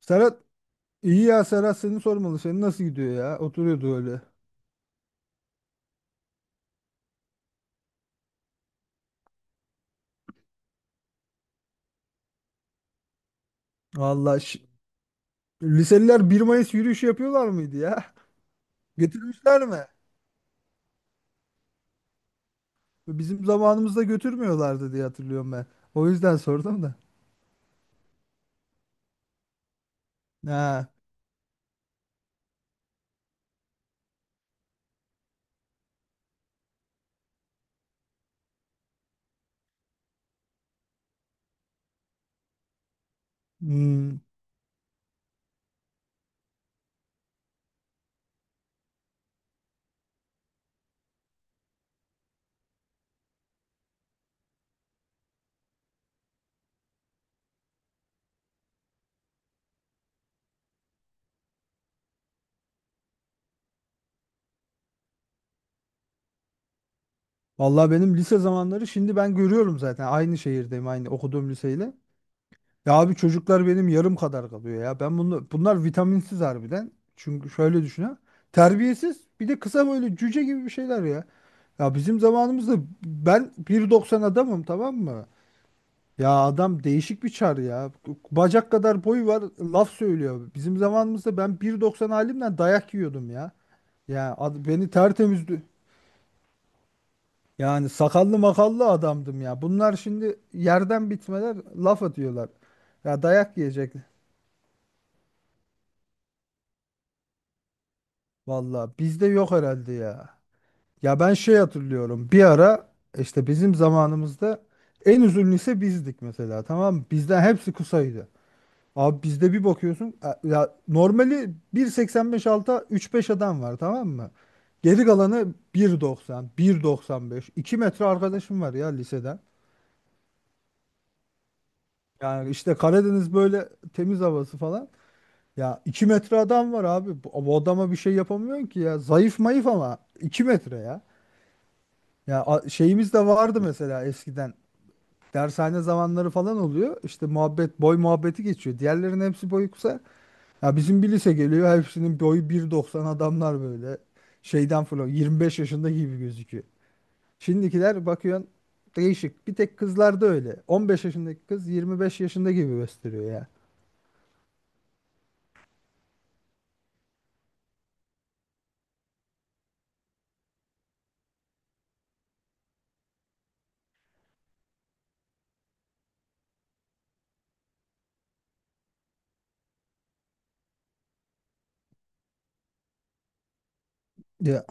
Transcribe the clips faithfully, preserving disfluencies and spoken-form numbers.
Serhat. İyi ya, Serhat, seni sormalı. Senin nasıl gidiyor ya? Oturuyordu öyle. Vallahi şi- liseliler bir Mayıs yürüyüşü yapıyorlar mıydı ya? Götürmüşler mi? Bizim zamanımızda götürmüyorlardı diye hatırlıyorum ben. O yüzden sordum da. Ha. Hmm. Vallahi benim lise zamanları şimdi ben görüyorum zaten. Aynı şehirdeyim aynı okuduğum liseyle. Ya abi çocuklar benim yarım kadar kalıyor ya. Ben bunu bunlar vitaminsiz harbiden. Çünkü şöyle düşünün. Terbiyesiz. Bir de kısa böyle cüce gibi bir şeyler ya. Ya bizim zamanımızda ben bir doksan adamım tamam mı? Ya adam değişik bir çar ya. Bacak kadar boyu var laf söylüyor. Bizim zamanımızda ben bir doksan halimden dayak yiyordum ya. Ya ad- beni tertemizdi. Yani sakallı makallı adamdım ya. Bunlar şimdi yerden bitmeler laf atıyorlar. Ya dayak yiyecek. Vallahi bizde yok herhalde ya. Ya ben şey hatırlıyorum. Bir ara işte bizim zamanımızda en uzun lise bizdik mesela tamam mı? Bizden hepsi kısaydı. Abi bizde bir bakıyorsun, e, ya normali bir seksen beş alta üç beş adam var tamam mı? Geri kalanı bir doksan, bir doksan beş, iki metre arkadaşım var ya liseden. Yani işte Karadeniz, böyle temiz havası falan. Ya iki metre adam var abi. Bu, bu adama bir şey yapamıyorsun ki ya. Zayıf mayıf ama iki metre ya. Ya a- şeyimiz de vardı mesela eskiden. Dershane zamanları falan oluyor. İşte muhabbet, boy muhabbeti geçiyor. Diğerlerinin hepsi boyu kısa. Ya bizim bir lise geliyor. Hepsinin boyu bir doksan adamlar böyle. Şeyden falan yirmi beş yaşında gibi gözüküyor. Şimdikiler bakıyorsun değişik. Bir tek kızlarda öyle. on beş yaşındaki kız yirmi beş yaşında gibi gösteriyor ya. Ya,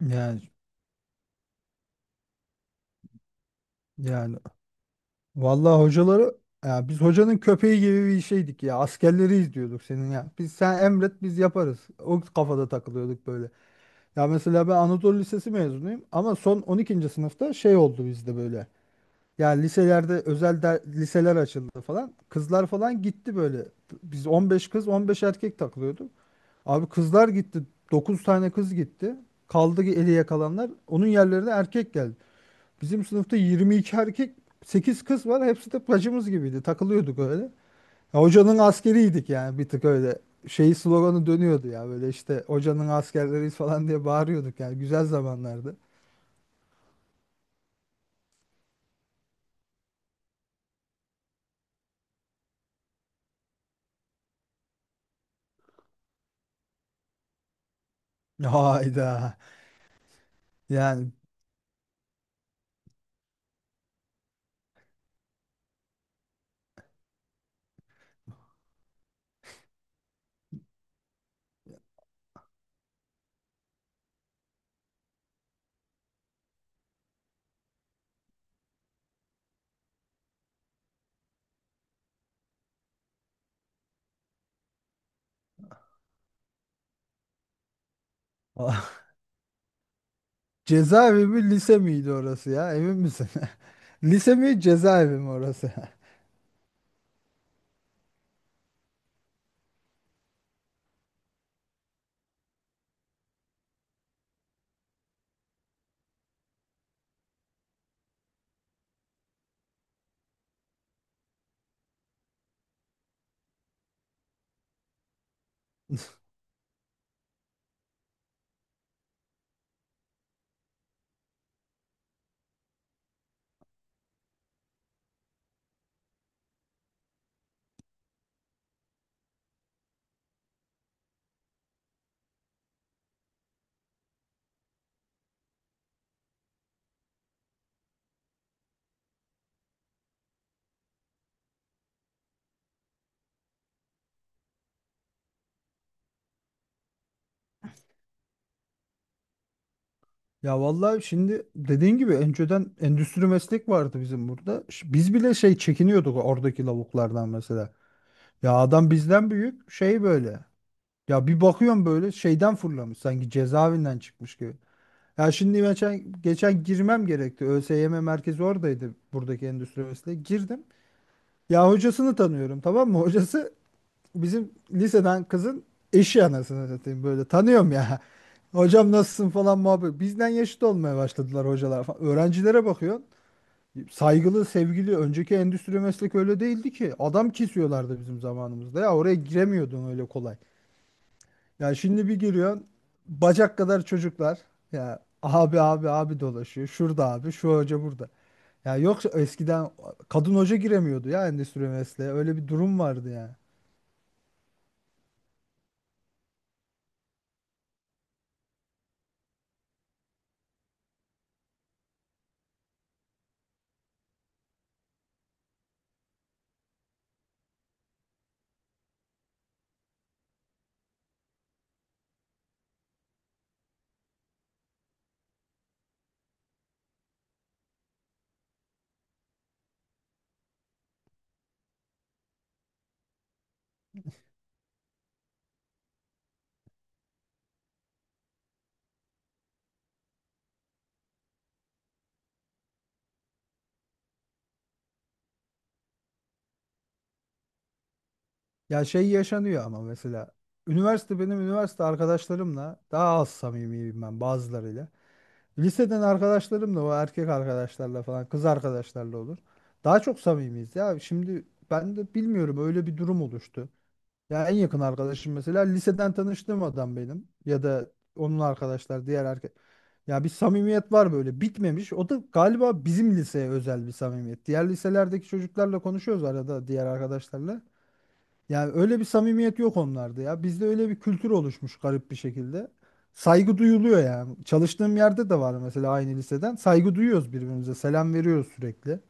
yani yani vallahi hocaları, ya biz hocanın köpeği gibi bir şeydik ya. Askerleri izliyorduk senin ya. Biz sen emret biz yaparız. O kafada takılıyorduk böyle. Ya mesela ben Anadolu Lisesi mezunuyum ama son on ikinci sınıfta şey oldu bizde böyle. Ya liselerde özel der, liseler açıldı falan. Kızlar falan gitti böyle. Biz on beş kız on beş erkek takılıyorduk. Abi kızlar gitti. Dokuz tane kız gitti. Kaldı ki eli yakalanlar. Onun yerlerine erkek geldi. Bizim sınıfta yirmi iki erkek, sekiz kız var. Hepsi de bacımız gibiydi. Takılıyorduk öyle. Ya, hocanın askeriydik yani, bir tık öyle. Şey sloganı dönüyordu ya, böyle işte hocanın askerleriyiz falan diye bağırıyorduk. Yani güzel zamanlardı. Hayda. Yani cezaevi mi lise miydi orası ya? Emin misin? Lise mi cezaevi mi orası? Ya vallahi şimdi dediğin gibi önceden endüstri meslek vardı bizim burada. Ş- Biz bile şey çekiniyorduk oradaki lavuklardan mesela. Ya adam bizden büyük şey böyle. Ya bir bakıyorum böyle şeyden fırlamış, sanki cezaevinden çıkmış gibi. Ya şimdi geçen, geçen girmem gerekti. ÖSYM merkezi oradaydı, buradaki endüstri mühendisliği. Girdim. Ya hocasını tanıyorum tamam mı? Hocası bizim liseden kızın eşi, anasını satayım böyle tanıyorum ya. Hocam nasılsın falan muhabbet. Bizden yaşıt olmaya başladılar hocalar falan. Öğrencilere bakıyor. Saygılı, sevgili, önceki endüstri meslek öyle değildi ki. Adam kesiyorlardı bizim zamanımızda. Ya oraya giremiyordun öyle kolay. Ya şimdi bir giriyorsun, bacak kadar çocuklar, ya abi abi abi dolaşıyor. Şurada abi, şu hoca burada. Ya yoksa eskiden kadın hoca giremiyordu ya endüstri mesleğe. Öyle bir durum vardı ya. Ya şey yaşanıyor ama mesela üniversite, benim üniversite arkadaşlarımla daha az samimiyim ben bazılarıyla. Liseden arkadaşlarımla, o erkek arkadaşlarla falan, kız arkadaşlarla olur. Daha çok samimiyiz ya. Şimdi ben de bilmiyorum, öyle bir durum oluştu. Ya en yakın arkadaşım mesela liseden tanıştığım adam benim, ya da onun arkadaşlar, diğer erkek. Ya bir samimiyet var böyle, bitmemiş. O da galiba bizim liseye özel bir samimiyet. Diğer liselerdeki çocuklarla konuşuyoruz arada, diğer arkadaşlarla. Yani öyle bir samimiyet yok onlarda ya. Bizde öyle bir kültür oluşmuş garip bir şekilde. Saygı duyuluyor yani. Çalıştığım yerde de var mesela aynı liseden. Saygı duyuyoruz birbirimize. Selam veriyoruz sürekli.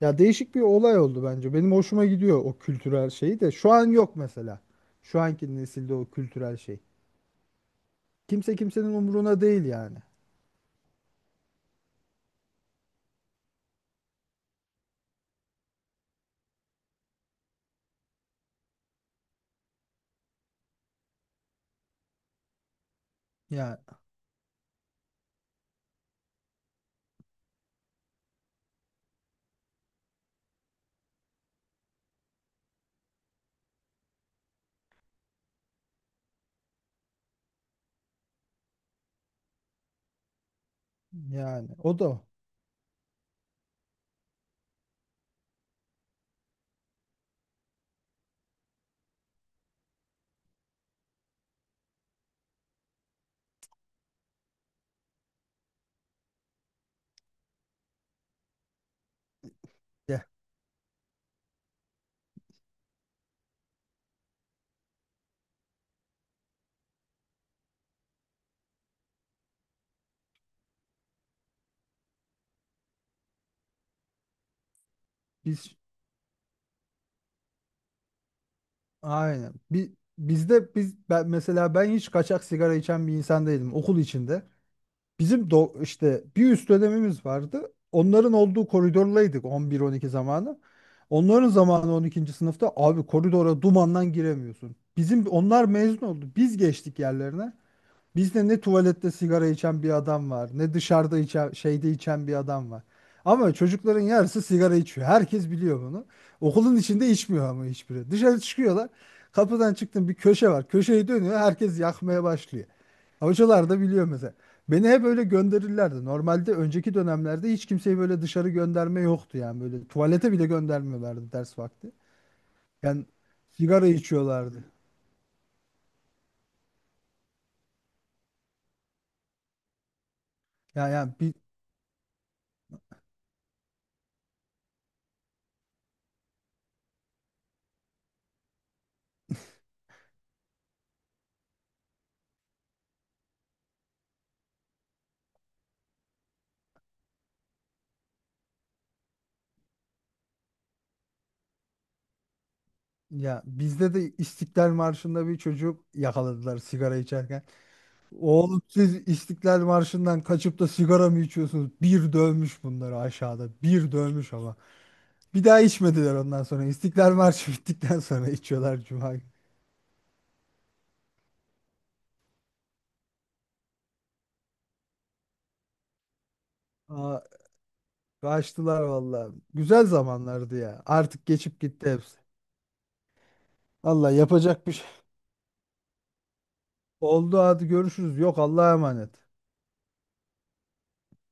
Ya değişik bir olay oldu bence. Benim hoşuma gidiyor o kültürel şeyi de. Şu an yok mesela. Şu anki nesilde o kültürel şey. Kimse kimsenin umuruna değil yani. Ya yani, o da o. Ya, biz aynen. Bi- bizde, biz ben, mesela ben hiç kaçak sigara içen bir insan değilim okul içinde. Bizim do- işte bir üst dönemimiz vardı. Onların olduğu koridorlaydık on bir on iki zamanı. Onların zamanı on ikinci sınıfta abi, koridora dumandan giremiyorsun. Bizim onlar mezun oldu. Biz geçtik yerlerine. Bizde ne tuvalette sigara içen bir adam var, ne dışarıda içen, şeyde içen bir adam var. Ama çocukların yarısı sigara içiyor. Herkes biliyor bunu. Okulun içinde içmiyor ama hiçbiri. Dışarı çıkıyorlar. Kapıdan çıktım, bir köşe var. Köşeyi dönüyor. Herkes yakmaya başlıyor. Hocalar da biliyor mesela. Beni hep öyle gönderirlerdi. Normalde önceki dönemlerde hiç kimseyi böyle dışarı gönderme yoktu yani. Böyle tuvalete bile göndermiyorlardı ders vakti. Yani sigara içiyorlardı. Yani, yani ya bizde de İstiklal Marşı'nda bir çocuk yakaladılar sigara içerken. Oğlum siz İstiklal Marşı'ndan kaçıp da sigara mı içiyorsunuz? Bir dövmüş bunları aşağıda. Bir dövmüş ama. Bir daha içmediler ondan sonra. İstiklal Marşı bittikten sonra içiyorlar Cuma günü. Aa, kaçtılar valla. Güzel zamanlardı ya. Artık geçip gitti hepsi. Valla yapacak bir şey. Oldu, hadi görüşürüz. Yok, Allah'a emanet.